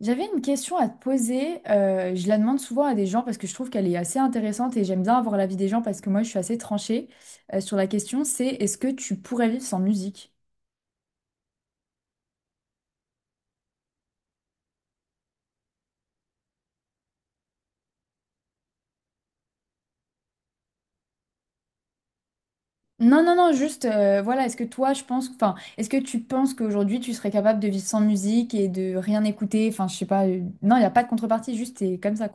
J'avais une question à te poser. Je la demande souvent à des gens parce que je trouve qu'elle est assez intéressante et j'aime bien avoir l'avis des gens parce que moi je suis assez tranchée sur la question. C'est est-ce que tu pourrais vivre sans musique? Non, non, non, juste voilà. Est-ce que toi, je pense, enfin, est-ce que tu penses qu'aujourd'hui tu serais capable de vivre sans musique et de rien écouter? Enfin, je sais pas. Non, il n'y a pas de contrepartie. Juste, c'est comme ça.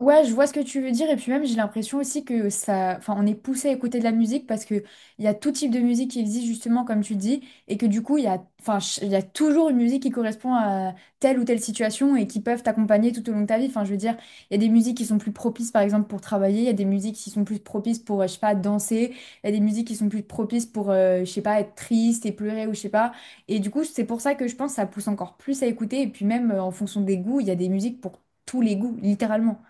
Ouais, je vois ce que tu veux dire et puis même j'ai l'impression aussi que ça, enfin, on est poussé à écouter de la musique parce que il y a tout type de musique qui existe justement comme tu dis et que du coup il y a, enfin, il y a toujours une musique qui correspond à telle ou telle situation et qui peuvent t'accompagner tout au long de ta vie. Enfin, je veux dire, il y a des musiques qui sont plus propices par exemple pour travailler, il y a des musiques qui sont plus propices pour, je sais pas, danser, il y a des musiques qui sont plus propices pour, je sais pas, être triste et pleurer ou je sais pas. Et du coup c'est pour ça que je pense que ça pousse encore plus à écouter et puis même en fonction des goûts, il y a des musiques pour tous les goûts littéralement.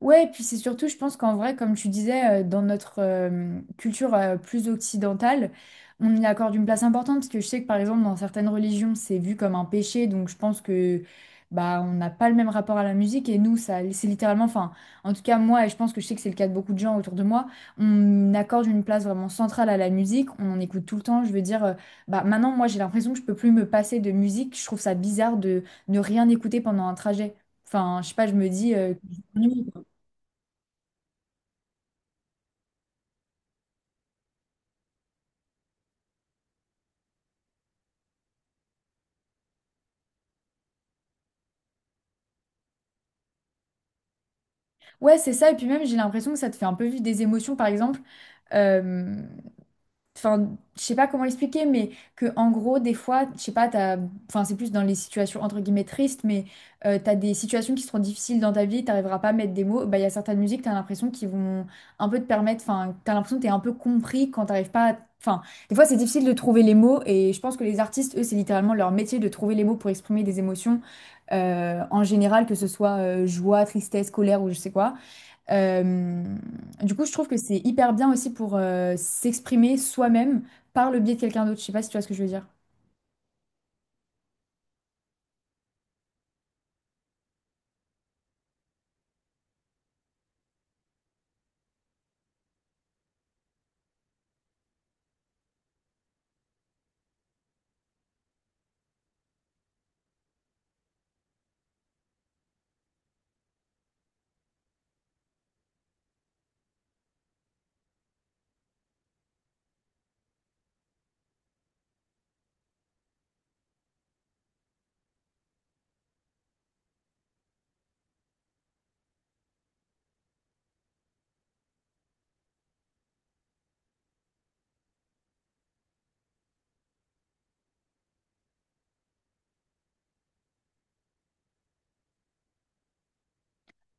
Ouais, et puis c'est surtout, je pense qu'en vrai, comme tu disais, dans notre culture plus occidentale, on y accorde une place importante parce que je sais que par exemple, dans certaines religions, c'est vu comme un péché, donc je pense que bah on n'a pas le même rapport à la musique et nous, ça, c'est littéralement, enfin, en tout cas moi, et je pense que je sais que c'est le cas de beaucoup de gens autour de moi, on accorde une place vraiment centrale à la musique, on en écoute tout le temps. Je veux dire, bah maintenant, moi, j'ai l'impression que je peux plus me passer de musique. Je trouve ça bizarre de ne rien écouter pendant un trajet. Enfin, je sais pas, je me dis. Ouais, c'est ça. Et puis même, j'ai l'impression que ça te fait un peu vivre des émotions, par exemple. euh, Enfin, je sais pas comment expliquer, mais que en gros, des fois, je sais pas, t'as... Enfin, c'est plus dans les situations entre guillemets tristes, mais t'as des situations qui seront difficiles dans ta vie, t'arriveras pas à mettre des mots. Bah, il y a certaines musiques, t'as l'impression qu'ils vont un peu te permettre. Enfin, t'as l'impression que t'es un peu compris quand t'arrives pas. Enfin, des fois, c'est difficile de trouver les mots, et je pense que les artistes, eux, c'est littéralement leur métier de trouver les mots pour exprimer des émotions en général, que ce soit joie, tristesse, colère ou je sais quoi. Euh, du coup, je trouve que c'est hyper bien aussi pour s'exprimer soi-même par le biais de quelqu'un d'autre. Je sais pas si tu vois ce que je veux dire.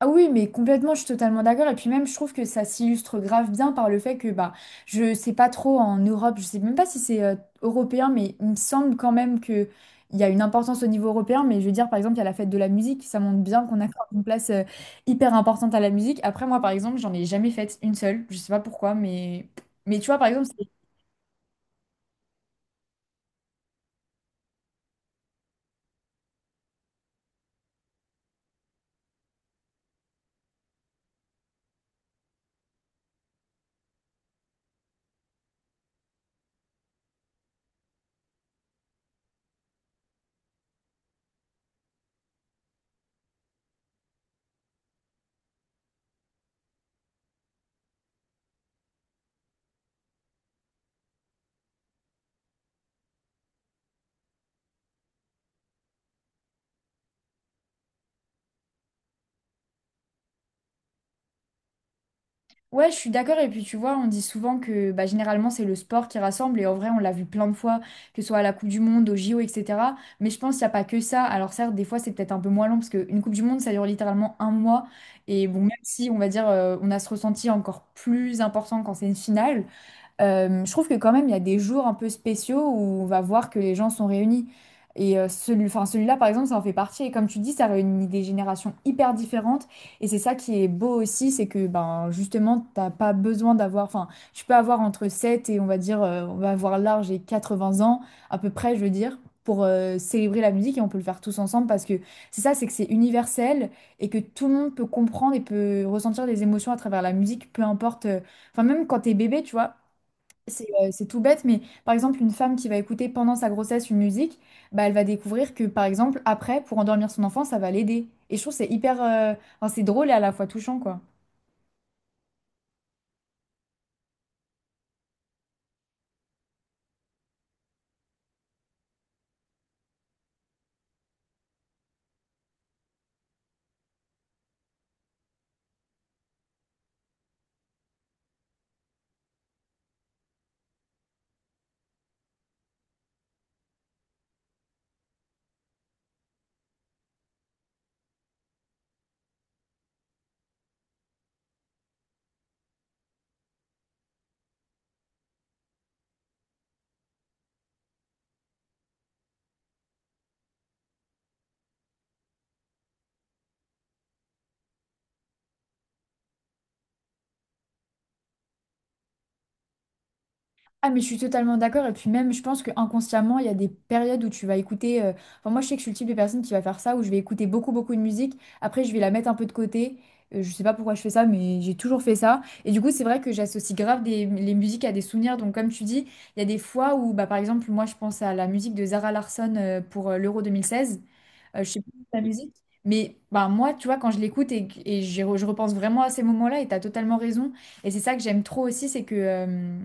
Ah oui, mais complètement, je suis totalement d'accord. Et puis même, je trouve que ça s'illustre grave bien par le fait que bah, je sais pas trop en Europe, je sais même pas si c'est européen, mais il me semble quand même que il y a une importance au niveau européen. Mais je veux dire, par exemple, il y a la fête de la musique, ça montre bien qu'on accorde une place hyper importante à la musique. Après, moi, par exemple, j'en ai jamais faite une seule. Je sais pas pourquoi, mais tu vois, par exemple. Ouais, je suis d'accord. Et puis tu vois, on dit souvent que bah, généralement c'est le sport qui rassemble. Et en vrai, on l'a vu plein de fois, que ce soit à la Coupe du Monde, au JO, etc. Mais je pense qu'il n'y a pas que ça. Alors certes, des fois c'est peut-être un peu moins long parce qu'une Coupe du Monde, ça dure littéralement un mois. Et bon, même si on va dire, on a ce ressenti encore plus important quand c'est une finale. Je trouve que quand même, il y a des jours un peu spéciaux où on va voir que les gens sont réunis. Et celui, enfin, celui-là, par exemple, ça en fait partie. Et comme tu dis, ça réunit des générations hyper différentes. Et c'est ça qui est beau aussi, c'est que ben, justement, t'as pas besoin d'avoir... Enfin, tu peux avoir entre 7 et on va dire, on va avoir large et 80 ans, à peu près, je veux dire, pour célébrer la musique. Et on peut le faire tous ensemble parce que c'est ça, c'est que c'est universel et que tout le monde peut comprendre et peut ressentir des émotions à travers la musique, peu importe... Enfin, même quand t'es bébé, tu vois. C'est tout bête, mais par exemple, une femme qui va écouter pendant sa grossesse une musique, bah, elle va découvrir que, par exemple, après, pour endormir son enfant, ça va l'aider. Et je trouve que c'est hyper... enfin, c'est drôle et à la fois touchant, quoi. Ah, mais je suis totalement d'accord. Et puis même, je pense que inconsciemment, il y a des périodes où tu vas écouter... Enfin, moi, je sais que je suis le type de personne qui va faire ça, où je vais écouter beaucoup, beaucoup de musique. Après, je vais la mettre un peu de côté. Je sais pas pourquoi je fais ça, mais j'ai toujours fait ça. Et du coup, c'est vrai que j'associe grave les musiques à des souvenirs. Donc, comme tu dis, il y a des fois où, bah, par exemple, moi, je pense à la musique de Zara Larsson pour l'Euro 2016. Je sais plus la musique. Mais ben, moi, tu vois, quand je l'écoute et je repense vraiment à ces moments-là, et tu as totalement raison. Et c'est ça que j'aime trop aussi, c'est que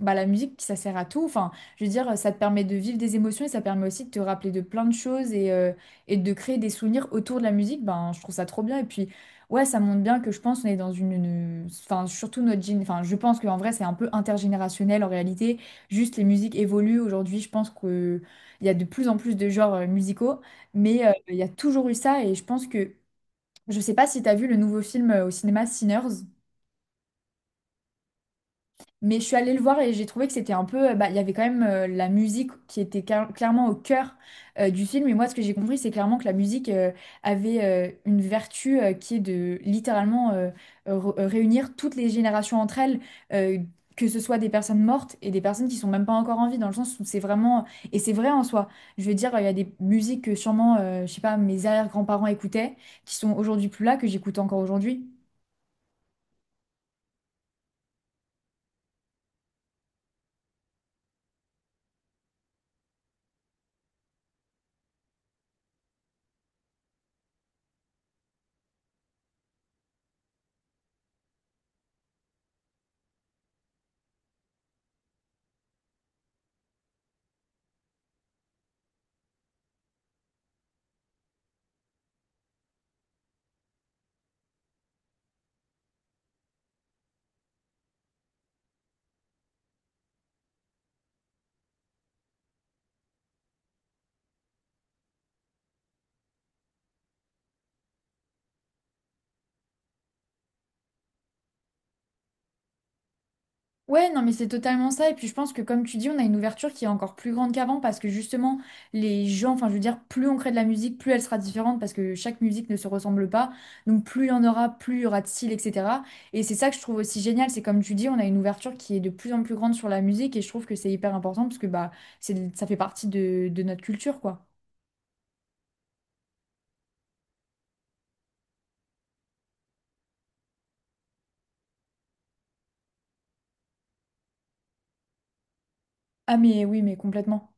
bah, la musique, ça sert à tout. Enfin, je veux dire, ça te permet de vivre des émotions et ça permet aussi de te rappeler de plein de choses et de créer des souvenirs autour de la musique. Ben, je trouve ça trop bien. Et puis, ouais, ça montre bien que je pense qu'on est dans une... Enfin, surtout notre... Enfin, je pense qu'en vrai, c'est un peu intergénérationnel en réalité. Juste, les musiques évoluent. Aujourd'hui, je pense que il y a de plus en plus de genres musicaux mais il y a toujours eu ça et je pense que, je sais pas si tu as vu le nouveau film au cinéma Sinners. Mais je suis allée le voir et j'ai trouvé que c'était un peu, bah, il y avait quand même la musique qui était clairement au cœur du film. Et moi, ce que j'ai compris, c'est clairement que la musique avait une vertu qui est de littéralement réunir toutes les générations entre elles, euh, que ce soit des personnes mortes et des personnes qui sont même pas encore en vie, dans le sens où c'est vraiment, et c'est vrai en soi. Je veux dire, il y a des musiques que sûrement, je sais pas, mes arrière-grands-parents écoutaient, qui sont aujourd'hui plus là, que j'écoute encore aujourd'hui. Ouais, non, mais c'est totalement ça. Et puis je pense que comme tu dis, on a une ouverture qui est encore plus grande qu'avant parce que justement, les gens, enfin je veux dire, plus on crée de la musique, plus elle sera différente parce que chaque musique ne se ressemble pas. Donc plus il y en aura, plus il y aura de style, etc. Et c'est ça que je trouve aussi génial. C'est comme tu dis, on a une ouverture qui est de plus en plus grande sur la musique et je trouve que c'est hyper important parce que bah, c'est, ça fait partie de notre culture, quoi. Ah mais oui, mais complètement.